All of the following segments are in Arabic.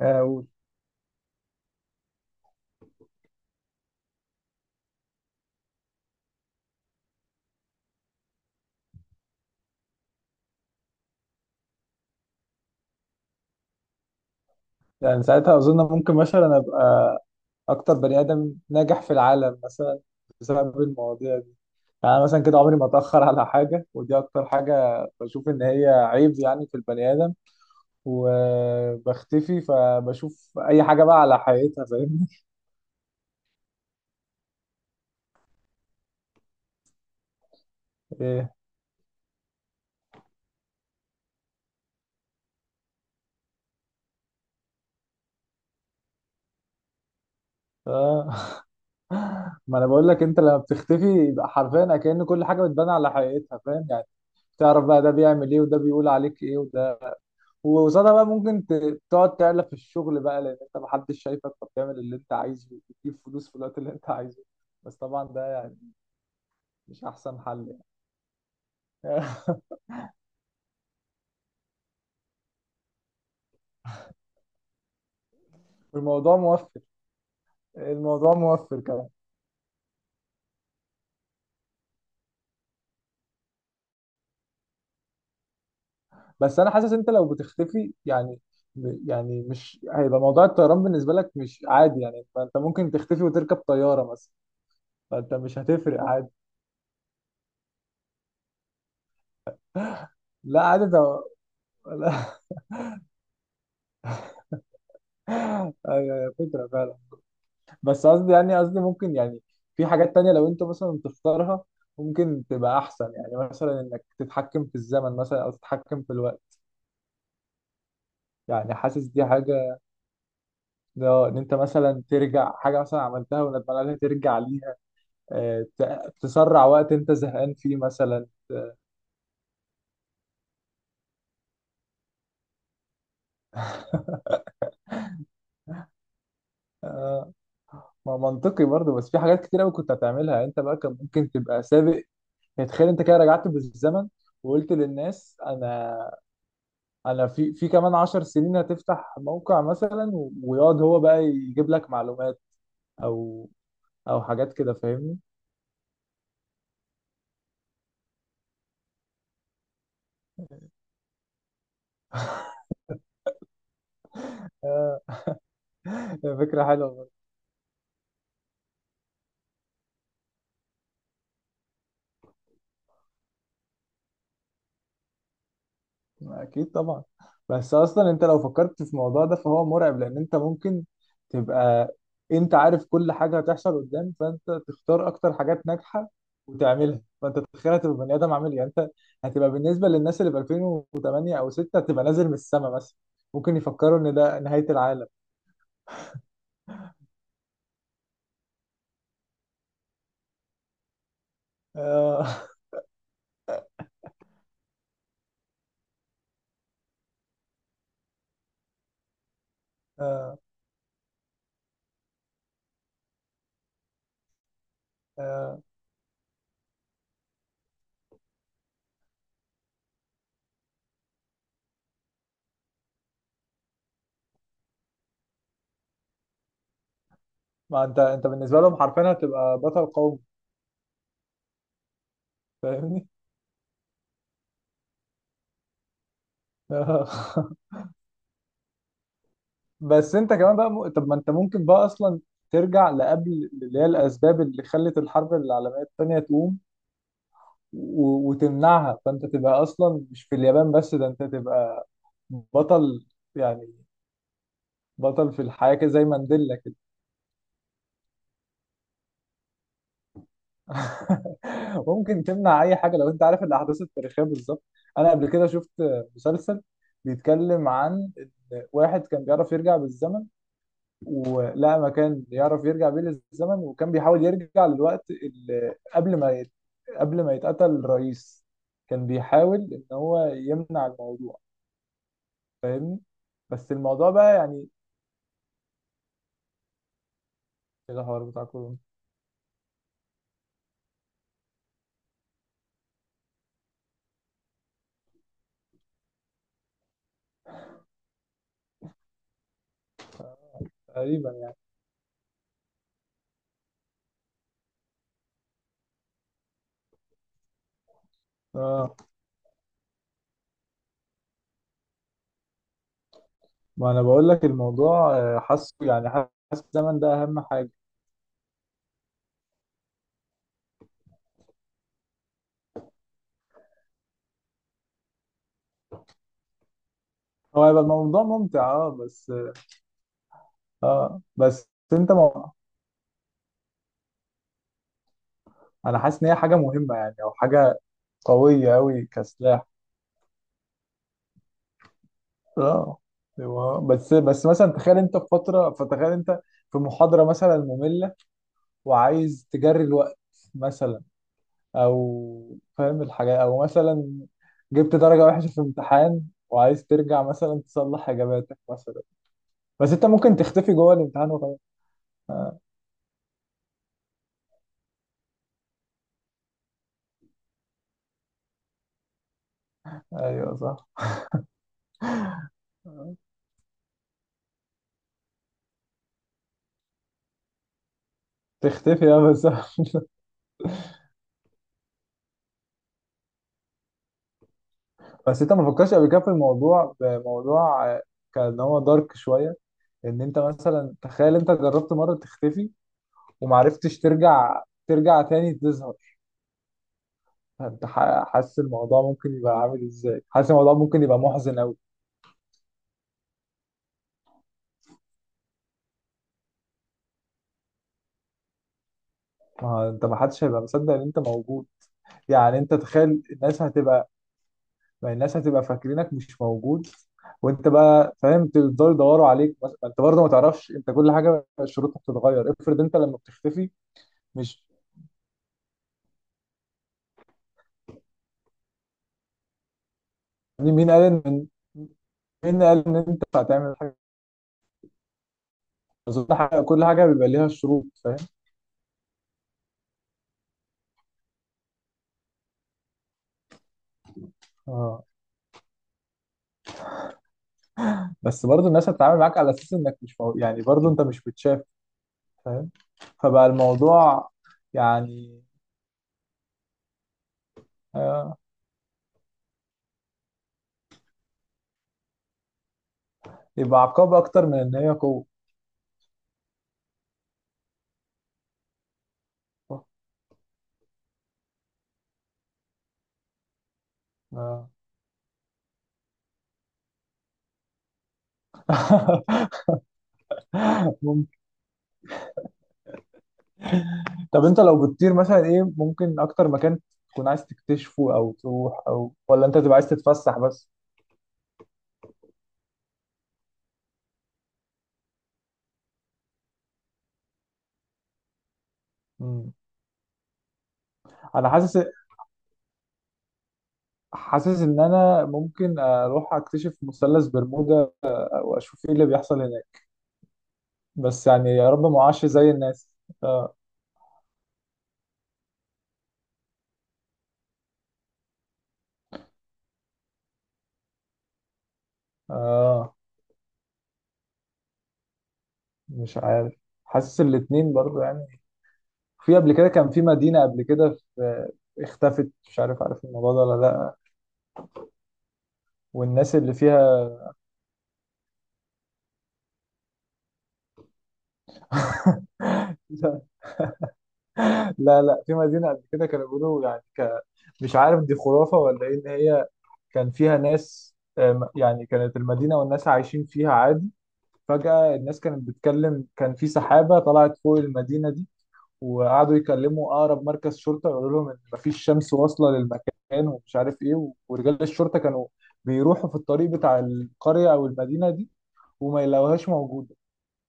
آه، يعني ساعتها أظن ممكن مثلا أبقى أكتر بني آدم ناجح في العالم مثلا بسبب المواضيع دي. يعني أنا مثلا كده عمري ما أتأخر على حاجة، ودي أكتر حاجة بشوف إن هي عيب يعني في البني آدم. وبختفي فبشوف أي حاجة بقى على حقيقتها، فاهمني؟ إيه. آه. ما أنا بقول لك، أنت لما بتختفي يبقى حرفيا كأن كل حاجة بتبان على حقيقتها، فاهم يعني؟ تعرف بقى ده بيعمل إيه، وده بيقول عليك إيه، وده وقصادها بقى ممكن تقعد تعلى في الشغل بقى، لان انت محدش شايفك فبتعمل اللي انت عايزه وتجيب فلوس في الوقت اللي انت عايزه. بس طبعا ده مش احسن حل يعني. الموضوع موفر. الموضوع موفر كمان. بس انا حاسس انت لو بتختفي يعني، يعني مش هيبقى موضوع الطيران بالنسبه لك مش عادي يعني، فانت ممكن تختفي وتركب طياره مثلا، فانت مش هتفرق عادي. لا عادي ده. لا. أيوة، فكره فعلا. بس قصدي يعني، قصدي ممكن يعني في حاجات تانية لو انت مثلا تختارها ممكن تبقى احسن، يعني مثلا انك تتحكم في الزمن مثلا او تتحكم في الوقت. يعني حاسس دي حاجة، ده ان انت مثلا ترجع حاجة مثلا عملتها وندمان عليها ترجع ليها. تسرع وقت انت زهقان فيه مثلا. آه، ما منطقي برضه، بس في حاجات كتير قوي كنت هتعملها يعني، انت بقى كان ممكن تبقى سابق. يعني تخيل انت كده رجعت بالزمن، وقلت للناس انا، انا في كمان 10 سنين هتفتح موقع مثلا، ويقعد هو بقى يجيب لك معلومات، او او حاجات كده، فاهمني. آه، فكرة حلوة برضه. اكيد طبعا. بس اصلا انت لو فكرت في الموضوع ده فهو مرعب، لان انت ممكن تبقى، انت عارف كل حاجة هتحصل قدام، فانت تختار اكتر حاجات ناجحة وتعملها، فانت تتخيل هتبقى بني ادم عامل إيه. يعني انت هتبقى بالنسبة للناس اللي في 2008 او 6 هتبقى نازل من السما مثلا، ممكن يفكروا ان ده نهاية العالم. آه. آه، آه. ما انت انت بالنسبه لهم حرفيا هتبقى بطل قومي، فاهمني. آه. بس انت كمان بقى طب ما انت ممكن بقى اصلا ترجع لقبل اللي هي الاسباب اللي خلت الحرب العالميه الثانيه تقوم وتمنعها، فانت تبقى اصلا مش في اليابان بس، ده انت تبقى بطل، يعني بطل في الحياه كده زي مانديلا. ممكن تمنع اي حاجه لو انت عارف الاحداث التاريخيه بالظبط. انا قبل كده شفت مسلسل بيتكلم عن إن واحد كان بيعرف يرجع بالزمن، ولقى مكان يعرف يرجع بيه للزمن، وكان بيحاول يرجع للوقت اللي قبل ما يت... قبل ما يتقتل الرئيس. كان بيحاول ان هو يمنع الموضوع، فاهمني. بس الموضوع بقى يعني، إيه الحوار بتاع كورونا؟ تقريبا يعني. اه ما انا بقول لك الموضوع، حاسه يعني حاسس الزمن ده اهم حاجه. هو هيبقى الموضوع ممتع اه، بس اه بس انت ما... انا حاسس ان هي حاجه مهمه يعني، او حاجه قويه قوي كسلاح. اه. أيوة. بس مثلا تخيل انت في فتره، فتخيل انت في محاضره مثلا ممله وعايز تجري الوقت مثلا، او فاهم الحاجه، او مثلا جبت درجه وحشه في امتحان وعايز ترجع مثلا تصلح اجاباتك مثلا. بس انت ممكن تختفي جوه الامتحان وخلاص. ايوه صح. تختفي اه بس. بس انت ما فكرتش قبل كده في الموضوع، بموضوع آه، كان هو دارك شويه، ان انت مثلا تخيل انت جربت مره تختفي ومعرفتش ترجع، ترجع تاني تظهر. انت حاسس الموضوع ممكن يبقى عامل ازاي، حاسس الموضوع ممكن يبقى محزن قوي. ما هو انت، ما حدش هيبقى مصدق ان انت موجود. يعني انت تخيل الناس هتبقى، ما الناس هتبقى فاكرينك مش موجود، وانت بقى فاهم تفضلوا يدوروا عليك ما انت برضه ما تعرفش، انت كل حاجه شروطها بتتغير. افرض انت لما بتختفي مش، مين قال ان مين قال ان انت هتعمل حاجه. أظن كل حاجه بيبقى ليها شروط، فاهم. اه. بس برضه الناس هتتعامل معاك على اساس انك مش مو... يعني برضه انت مش متشاف، فاهم. فبقى الموضوع يعني، آه. يبقى عقاب اكتر من ان هي قوه. آه. ممكن. طب انت لو بتطير مثلا، ايه ممكن اكتر مكان تكون عايز تكتشفه او تروح، او ولا انت تبقى عايز تتفسح بس؟ مم. انا حاسس، حاسس ان انا ممكن اروح اكتشف مثلث برمودا واشوف ايه اللي بيحصل هناك. بس يعني يا رب ما اعش زي الناس. آه. اه مش عارف، حاسس الاتنين برضو يعني. في قبل كده كان في مدينة، قبل كده في اختفت، مش عارف عارف الموضوع ده ولا لا، والناس اللي فيها. لا لا، في مدينة قبل كده كانوا بيقولوا يعني مش عارف دي خرافة ولا ايه، ان هي كان فيها ناس. يعني كانت المدينة والناس عايشين فيها عادي، فجأة الناس كانت بتتكلم كان في سحابة طلعت فوق المدينة دي، وقعدوا يكلموا اقرب مركز شرطه يقولوا لهم ان مفيش شمس واصله للمكان ومش عارف ايه، ورجال الشرطه كانوا بيروحوا في الطريق بتاع القريه او المدينه دي، وما يلاقوهاش موجوده،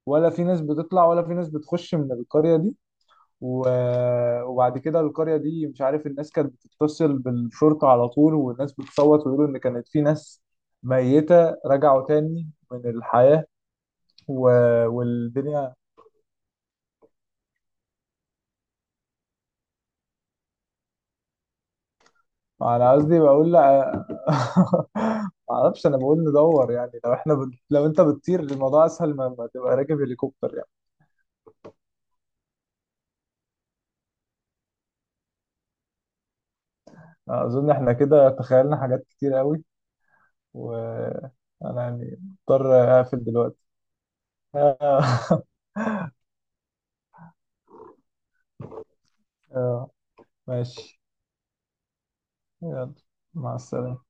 ولا في ناس بتطلع ولا في ناس بتخش من القريه دي، و... وبعد كده القريه دي مش عارف، الناس كانت بتتصل بالشرطه على طول، والناس بتصوت ويقولوا ان كانت في ناس ميته رجعوا تاني من الحياه، و... والدنيا. انا قصدي بقول لا. ما اعرفش، انا بقول ندور يعني لو احنا لو انت بتطير الموضوع اسهل، ما تبقى راكب هليكوبتر يعني. اظن احنا كده تخيلنا حاجات كتير قوي، وانا يعني مضطر اقفل دلوقتي. آه، ماشي. يلا مع السلامة.